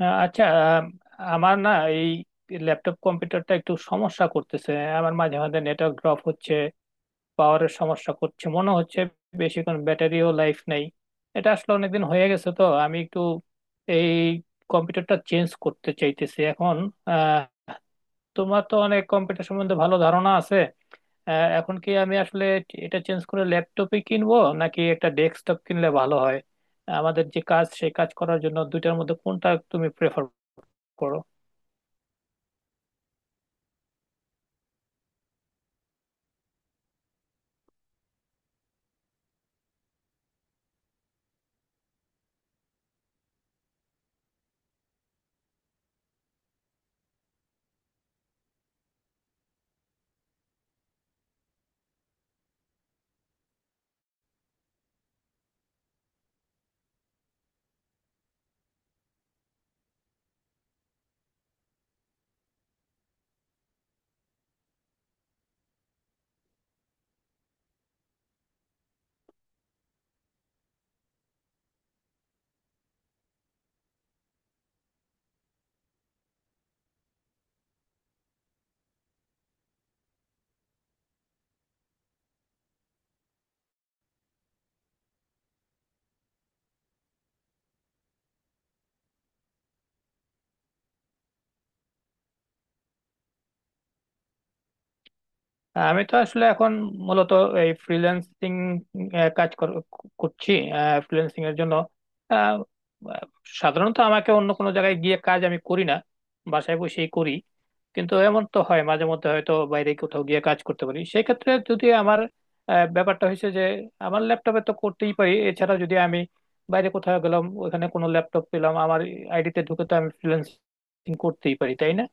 আচ্ছা। আম, আমার না এই ল্যাপটপ কম্পিউটারটা একটু সমস্যা করতেছে। আমার মাঝে মাঝে নেটওয়ার্ক ড্রপ হচ্ছে, পাওয়ারের সমস্যা করছে মনে হচ্ছে, বেশিক্ষণ ব্যাটারিও লাইফ নেই। এটা আসলে অনেকদিন হয়ে গেছে, তো আমি একটু এই কম্পিউটারটা চেঞ্জ করতে চাইতেছি এখন। আহ, তোমার তো অনেক কম্পিউটার সম্বন্ধে ভালো ধারণা আছে। এখন কি আমি আসলে এটা চেঞ্জ করে ল্যাপটপই কিনবো নাকি একটা ডেস্কটপ কিনলে ভালো হয়? আমাদের যে কাজ সেই কাজ করার জন্য দুইটার মধ্যে কোনটা তুমি প্রেফার করো? হ্যাঁ, আমি তো আসলে এখন মূলত এই ফ্রিল্যান্সিং কাজ কর- করছি, ফ্রিল্যান্সিং এর জন্য। আহ, আহ, সাধারণত আমাকে অন্য কোনো জায়গায় গিয়ে কাজ আমি করি না, বাসায় বসেই করি। কিন্তু এমন তো হয় মাঝে মধ্যে হয়তো বাইরে কোথাও গিয়ে কাজ করতে পারি, সেই ক্ষেত্রে যদি আমার ব্যাপারটা হয়েছে যে আমার ল্যাপটপে তো করতেই পারি, এছাড়া যদি আমি বাইরে কোথাও গেলাম ওখানে কোনো ল্যাপটপ পেলাম আমার আইডিতে ঢুকে তো আমি ফ্রিল্যান্সিং করতেই পারি তাই না?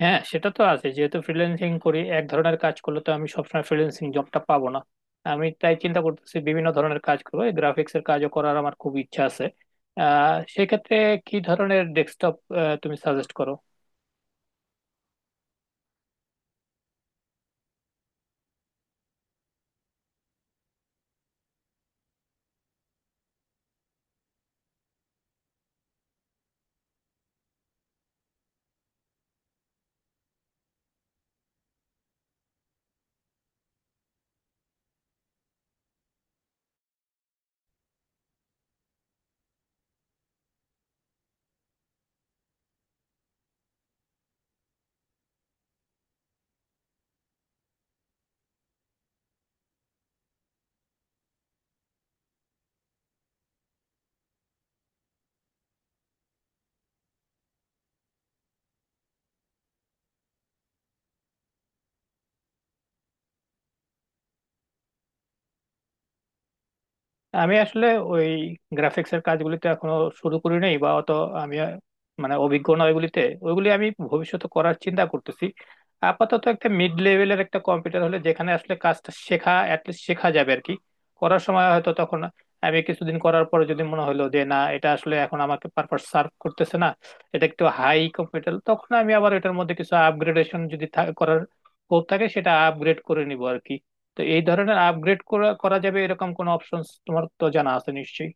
হ্যাঁ, সেটা তো আছে। যেহেতু ফ্রিল্যান্সিং করি, এক ধরনের কাজ করলে তো আমি সবসময় ফ্রিল্যান্সিং জবটা পাবো না। আমি তাই চিন্তা করতেছি বিভিন্ন ধরনের কাজ করবো, গ্রাফিক্স এর কাজও করার আমার খুব ইচ্ছা আছে। সেক্ষেত্রে কি ধরনের ডেস্কটপ তুমি সাজেস্ট করো? আমি আসলে ওই গ্রাফিক্স এর কাজগুলিতে এখনো শুরু করি নাই বা অত আমি মানে অভিজ্ঞ না ওইগুলিতে। ওইগুলি আমি ভবিষ্যতে করার চিন্তা করতেছি। আপাতত একটা মিড লেভেলের একটা কম্পিউটার হলে যেখানে আসলে কাজটা শেখা, অ্যাটলিস্ট শেখা যাবে আর কি। করার সময় হয়তো তখন আমি কিছুদিন করার পরে যদি মনে হলো যে না, এটা আসলে এখন আমাকে পারপাস সার্ভ করতেছে না, এটা একটু হাই কম্পিউটার, তখন আমি আবার এটার মধ্যে কিছু আপগ্রেডেশন যদি করার হোক থাকে, সেটা আপগ্রেড করে নিব আর কি। তো এই ধরনের আপগ্রেড করা করা যাবে এরকম কোনো অপশনস তোমার তো জানা আছে নিশ্চয়ই?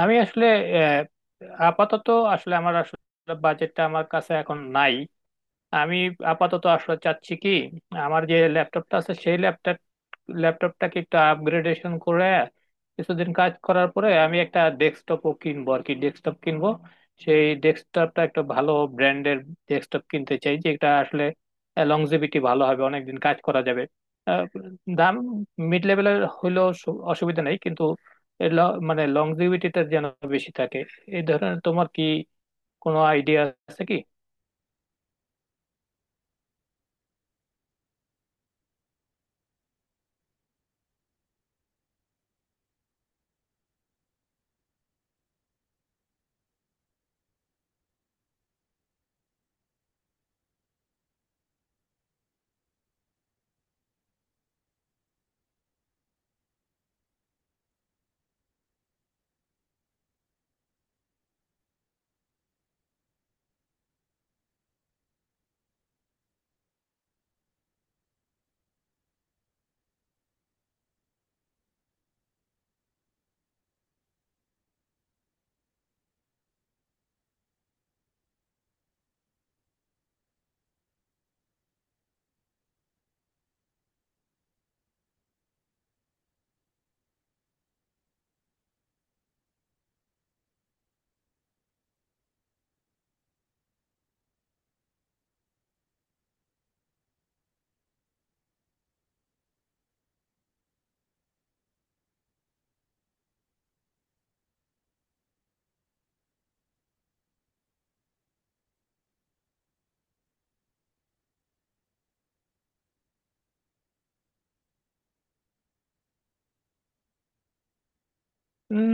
আমি আসলে আহ, আপাতত আসলে আমার আসলে বাজেটটা আমার কাছে এখন নাই। আমি আপাতত আসলে চাচ্ছি কি, আমার যে ল্যাপটপটা আছে সেই ল্যাপটপটাকে একটু আপগ্রেডেশন করে কিছুদিন কাজ করার পরে আমি একটা ডেস্কটপও কিনবো আর কি। ডেস্কটপ কিনবো, সেই ডেস্কটপটা একটা ভালো ব্র্যান্ডের ডেস্কটপ কিনতে চাই যেটা আসলে লংজিভিটি ভালো হবে, অনেকদিন কাজ করা যাবে। আহ, দাম মিড লেভেলের হইলেও অসুবিধা নেই, কিন্তু এর ল- মানে লংজিভিটিটা যেন বেশি থাকে। এই ধরনের তোমার কি কোনো আইডিয়া আছে কি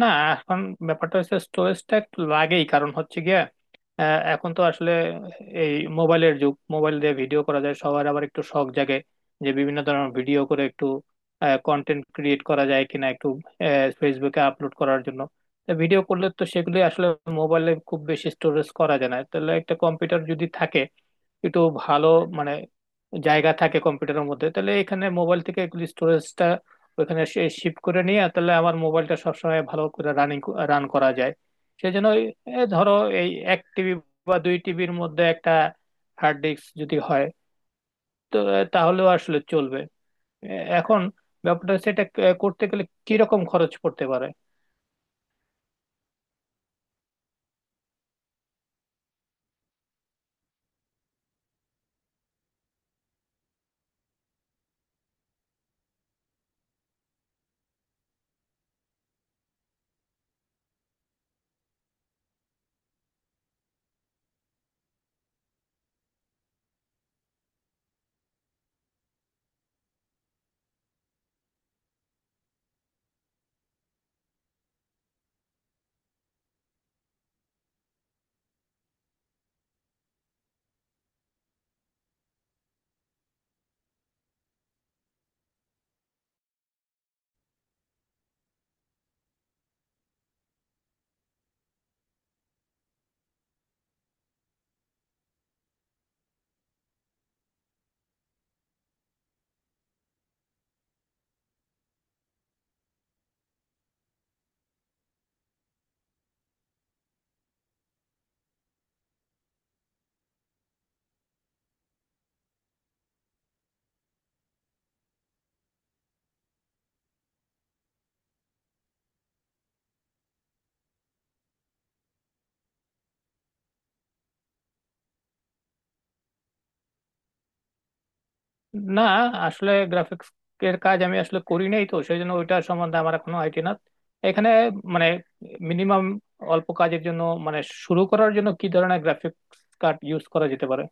না? এখন ব্যাপারটা হচ্ছে স্টোরেজটা একটু লাগেই, কারণ হচ্ছে গিয়ে এখন তো আসলে এই মোবাইলের যুগ। মোবাইল দিয়ে ভিডিও করা যায়, সবার আবার একটু শখ জাগে যে বিভিন্ন ধরনের ভিডিও করে একটু কন্টেন্ট ক্রিয়েট করা যায় কিনা, একটু ফেসবুকে আপলোড করার জন্য। ভিডিও করলে তো সেগুলি আসলে মোবাইলে খুব বেশি স্টোরেজ করা যায় না। তাহলে একটা কম্পিউটার যদি থাকে একটু ভালো মানে জায়গা থাকে কম্পিউটারের মধ্যে, তাহলে এখানে মোবাইল থেকে এগুলি তো এখানে শিফট করে নিয়ে তাহলে আমার মোবাইলটা সবসময় ভালো করে রান করা যায়। সেই জন্য ধরো এই 1 টিবি বা 2 টিবির মধ্যে একটা হার্ড ডিস্ক যদি হয় তো তাহলেও আসলে চলবে। এ, এখন ব্যাপারটা হচ্ছে এটা করতে গেলে কিরকম খরচ পড়তে পারে? না, আসলে গ্রাফিক্স এর কাজ আমি আসলে করি নাই তো সেই জন্য ওইটা সম্বন্ধে আমার এখনো আইডিয়া না। এখানে মানে মিনিমাম অল্প কাজের জন্য, মানে শুরু করার জন্য কি ধরনের গ্রাফিক্স কার্ড ইউজ করা যেতে পারে?